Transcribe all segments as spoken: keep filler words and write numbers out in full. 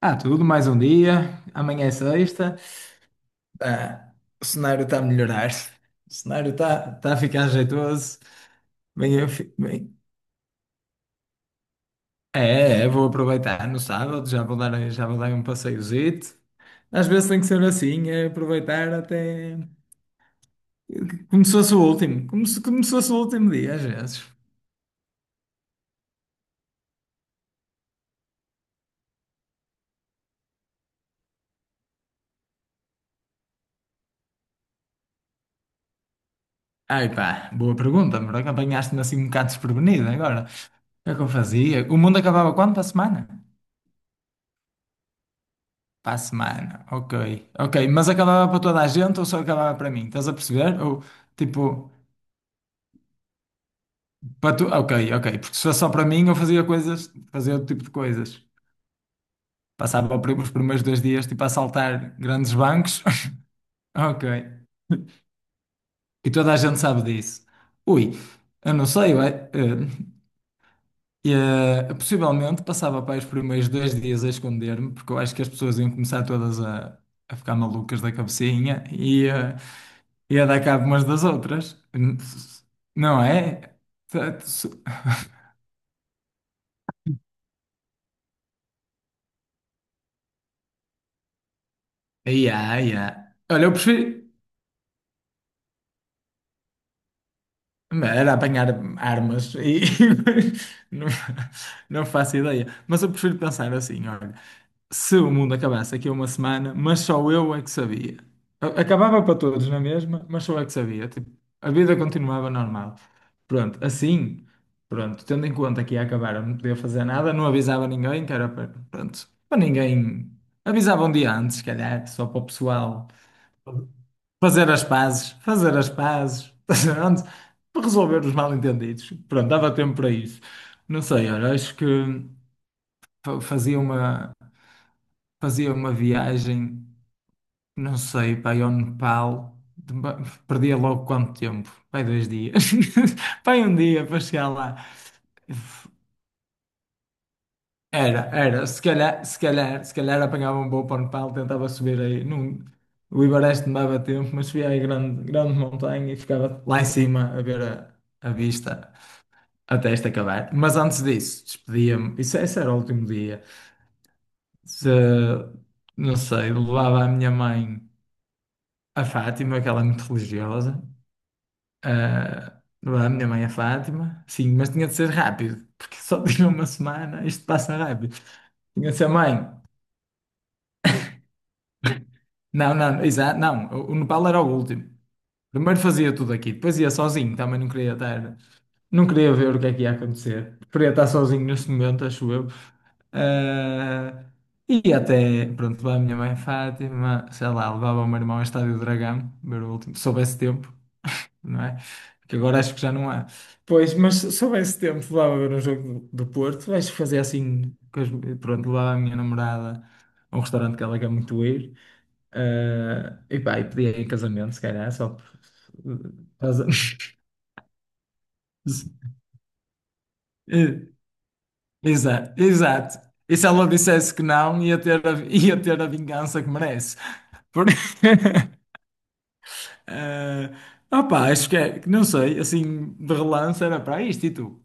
Ah, tudo, mais um dia. Amanhã é sexta. Ah, o cenário está a melhorar. O cenário está tá tá a ficar jeitoso. Bem, eu fi- bem, é, é, é, vou aproveitar no sábado, já vou dar, já vou dar um passeiozito. Às vezes tem que ser assim, é aproveitar até como se fosse o último, como se, como se fosse o último dia, às vezes. Ai pá, boa pergunta, mas apanhaste-me assim um bocado desprevenido agora. O que é que eu fazia? O mundo acabava quando? Para a semana? Para a semana, ok. Ok, mas acabava para toda a gente ou só acabava para mim? Estás a perceber? Ou tipo, para tu. Ok, ok. Porque se fosse só para mim, eu fazia coisas, fazia outro tipo de coisas. Passava pri- os primeiros dois dias tipo a assaltar grandes bancos. Ok. E toda a gente sabe disso. Ui, eu não sei, ué, eh, eh, eh, possivelmente passava para os primeiros dois dias a esconder-me, porque eu acho que as pessoas iam começar todas a, a ficar malucas da cabecinha. Ia dar cabo umas das outras, não é? Tá- su- Ia, ia. Olha, eu prefiro. Era apanhar armas e não, não faço ideia. Mas eu prefiro pensar assim, olha, se o mundo acabasse aqui a uma semana, mas só eu é que sabia. A- Acabava para todos na mesma, mas só eu é que sabia. Tipo, a vida continuava normal. Pronto, assim, pronto, tendo em conta que ia acabar, eu não podia fazer nada, não avisava ninguém, que era para, pronto, para ninguém. Avisava um dia antes, se calhar, só para o pessoal. Fazer as pazes, fazer as pazes. Pronto, para resolver os mal-entendidos. Pronto, dava tempo para isso. Não sei, olha, acho que fa- fazia uma, fazia uma viagem, não sei, para ao Nepal. De- perdia logo quanto tempo? Pai, dois dias. Pai, um dia para chegar lá. Era, era. Se calhar, se calhar, se calhar apanhava um bom pano pau, tentava subir aí. Não, o Ibareste não dava tempo, mas subia aí grande, grande montanha e ficava lá em cima a ver a, a vista até isto acabar. Mas antes disso, despedia-me. Isso, esse era o último dia. Se, não sei, levava a minha mãe a Fátima, que ela é muito religiosa. Ah, levava a minha mãe a Fátima, sim, mas tinha de ser rápido, porque só tinha uma semana, isto passa rápido. Tinha de ser mãe. Não, não, exato, não, o o Nepal era o último. Primeiro fazia tudo aqui, depois ia sozinho, também não queria estar, não queria ver o que é que ia acontecer. Queria estar sozinho neste momento, acho eu. Ah, e até, pronto, lá a minha mãe Fátima, sei lá, levava o meu irmão ao Estádio do Dragão, ver o último, se soubesse tempo, não é? Que agora acho que já não há. Pois, mas se soubesse tempo, levava ver um jogo do, do Porto, acho que fazia assim, com as- pronto, levava a minha namorada a um restaurante que ela quer muito ir. Ah, e pá, e pedia em casamento, se calhar, só por. Estás a- Eh, exato, exato. E se ela dissesse que não, ia ter a, ia ter a vingança que merece. Por... Eh, opá, acho que é, que não sei, assim, de relance era para isto e tu.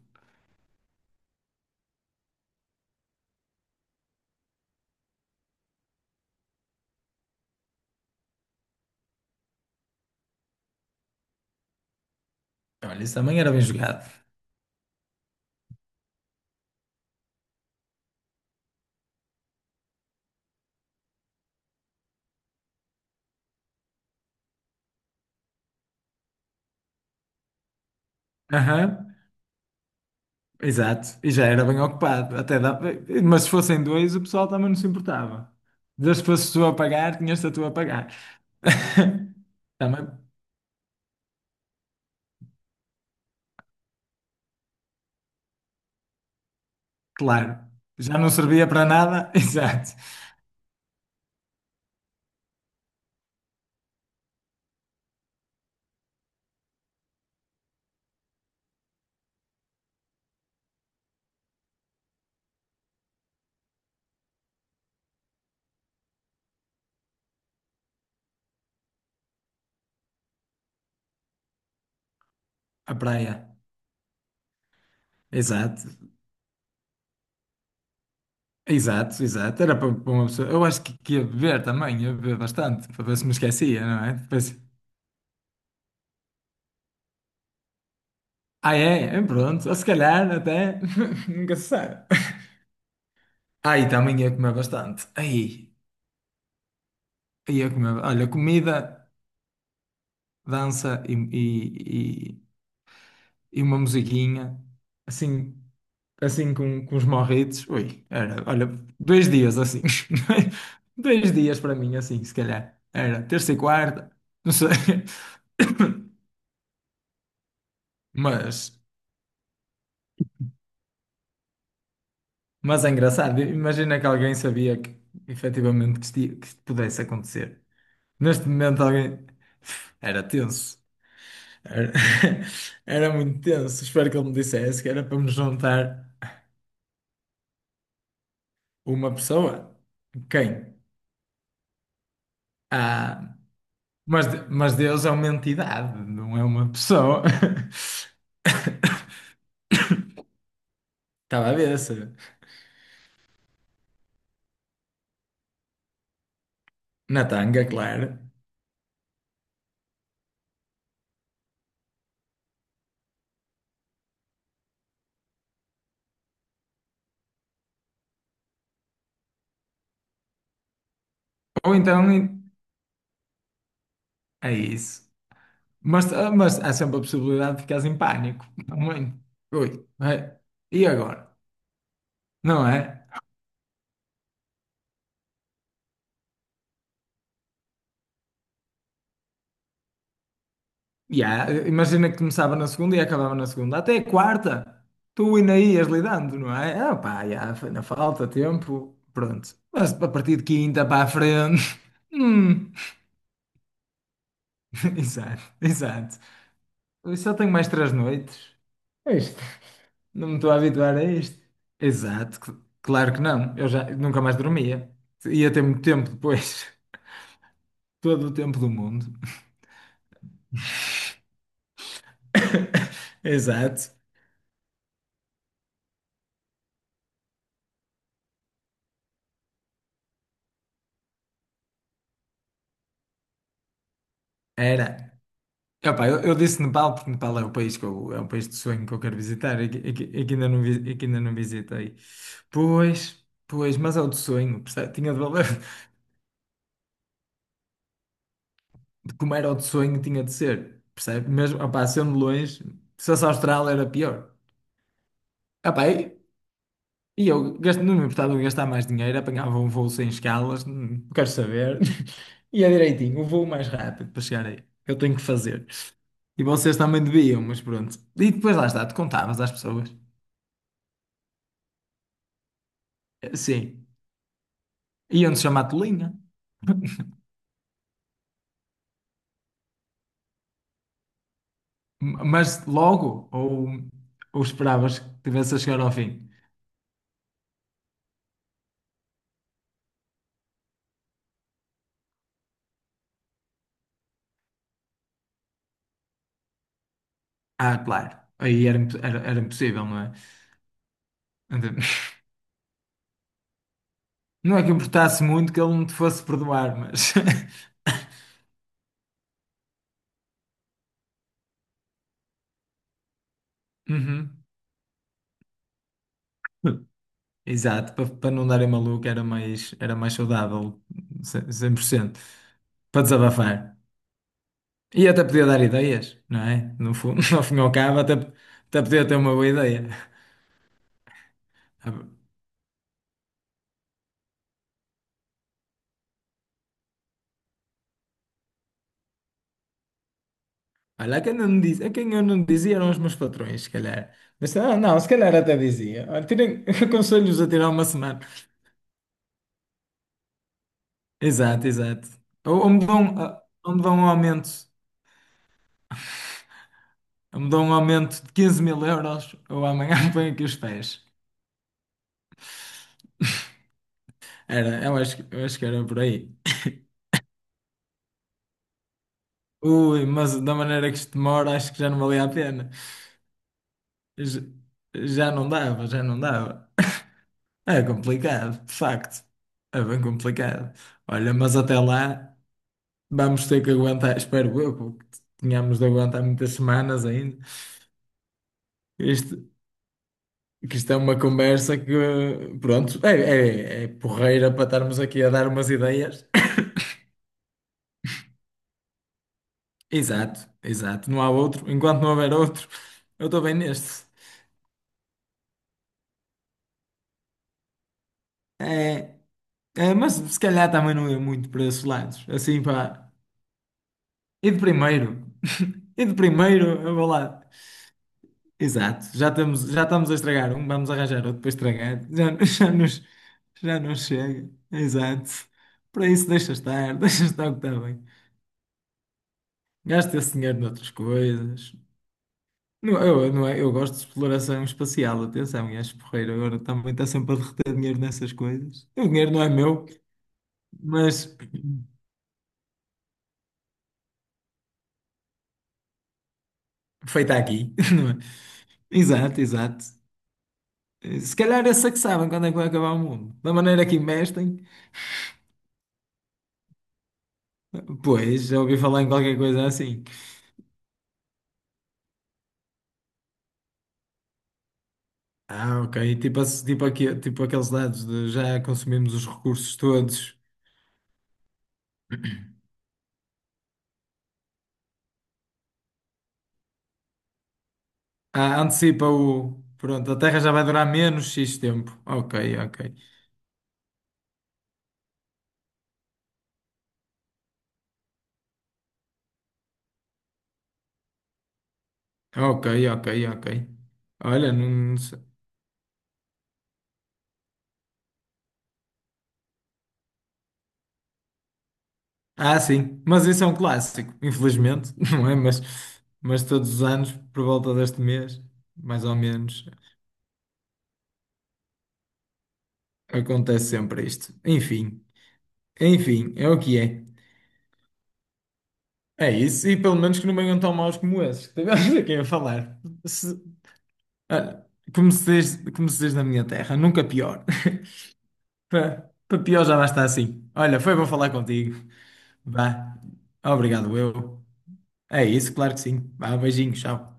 Olha, isso também era bem jogado. Aham. Exato, e já era bem ocupado. Até dá... Mas se fossem dois, o pessoal também não se importava. Desde que fosses tu a pagar, tinhas-te a tu a pagar. Também, claro. Já não servia para nada, exato. A praia, exato. Exato, exato. Era para para uma pessoa. Eu acho que, que ia beber também, ia beber bastante, para ver se me esquecia, não é? Depois, ah, é? É, pronto, ou se calhar até nunca se sabe. Aí também ia comer bastante. Aí ia comer. Olha, comida. Dança e, e, e, e uma musiquinha, assim, assim com, com os morritos. Ui, era, olha, dois dias assim. Dois dias para mim, assim, se calhar. Era terça e quarta, não sei. Mas, mas é engraçado. Imagina que alguém sabia que efetivamente que isto, ia- que isto pudesse acontecer. Neste momento alguém era tenso. Era, era muito tenso. Espero que ele me dissesse que era para me juntar. Uma pessoa? Quem? Ah, mas, de- mas Deus é uma entidade, não é uma pessoa. Estava a ver se. Na tanga, claro. Ou então em- é isso. Mas, ah, mas há sempre a possibilidade de ficares em pânico. Muito. Ui, vai. E agora? Não é? Ya, imagina que começava na segunda e acabava na segunda, até a quarta, tu ainda ias lidando, não é? Ah, pá, já, foi na falta, tempo, pronto. Mas a partir de quinta para a frente, hum, exato, exato. Eu só tenho mais três noites. É isto, não me estou a habituar a isto. Exato, cl- claro que não, eu já nunca mais dormia, ia ter muito tempo depois, todo o tempo do mundo. Exato, era. Epá, eu, eu disse Nepal porque Nepal é o país que eu, é um país de sonho que eu quero visitar e que, e que- e que ainda não, vi- e que ainda não visitei. Pois, pois, mas é o de sonho, percebe? Tinha de valer. Como era o de sonho, tinha de ser, percebe? Mesmo, opá, sendo longe, se fosse a Austrália era pior. Epá, e, e eu gasto, não me importava de gastar mais dinheiro, apanhava um voo sem escalas, não quero saber. E é direitinho, o voo mais rápido para chegar aí. Eu tenho que fazer. E vocês também deviam, mas pronto. E depois lá está, te contavas às pessoas. Sim, iam-te chamar tolinha. M- mas logo, ou, ou esperavas que tivesse a chegar ao fim? Ah, claro, aí era, imp- era, era impossível, não é? Então, não é que importasse muito que ele não te fosse perdoar, mas. Uhum. Exato, para, para não darem maluco era mais, era mais saudável, ce- cem por cento para desabafar. E até podia dar ideias, não é? No fundo, no fim e ao cabo, até, até podia ter uma boa ideia. Olha, quem eu não dizia, quem eu não dizia eram os meus patrões, se calhar. Mas ah, não, se calhar até dizia. Olha, tirem, aconselho-vos a tirar uma semana. Exato, exato. Ou, ou me dão, ah, ou me dão um aumento, ou me dão um aumento de quinze mil euros, ou amanhã me põem aqui os pés. Era, eu acho, que- eu acho que era por aí. Ui, mas da maneira que isto demora, acho que já não valia a pena. J- Já, não dava, já não dava. É complicado, de facto. É bem complicado. Olha, mas até lá. Vamos ter que aguentar, espero eu, porque tínhamos de aguentar muitas semanas ainda. Isto, que isto é uma conversa que, pronto, é, é, é porreira para estarmos aqui a dar umas ideias. Exato, exato. Não há outro. Enquanto não houver outro, eu estou bem neste. É, é, mas se calhar também não ia muito para esses lados. Assim, pá. E de primeiro? E de primeiro, eu vou lá. Exato, já estamos, já estamos a estragar um, vamos arranjar outro para estragar. Já, já nos, já não chega. Exato. Para isso deixa estar, deixa estar o que está bem. Gasta esse dinheiro noutras coisas. Não, eu, não é, eu gosto de exploração espacial, atenção, e acho porreiro. Agora também está sempre a derreter dinheiro nessas coisas. O dinheiro não é meu, mas feito aqui, não é? Exato, exato. Se calhar esses é que sabem quando é que vai acabar o mundo. Da maneira que investem, pois, já ouvi falar em qualquer coisa assim. Ah, ok. Tipo, ass- tipo, aqui, tipo aqueles dados de já consumimos os recursos todos. Ah, antecipa o. Pronto, a Terra já vai durar menos X tempo. Ok, ok. Ok, ok, ok. Olha, não, não sei. Ah, sim. Mas isso é um clássico, infelizmente, não é? Mas, mas todos os anos, por volta deste mês, mais ou menos, acontece sempre isto. Enfim, enfim, é o que é. É isso, e pelo menos que não venham tão maus como esses que tivemos aqui a falar. Olha, como se diz, como se diz na minha terra, nunca pior. Para pior já basta assim. Olha, foi bom falar contigo. Vá. Obrigado, eu. É isso, claro que sim. Vá, beijinho, tchau.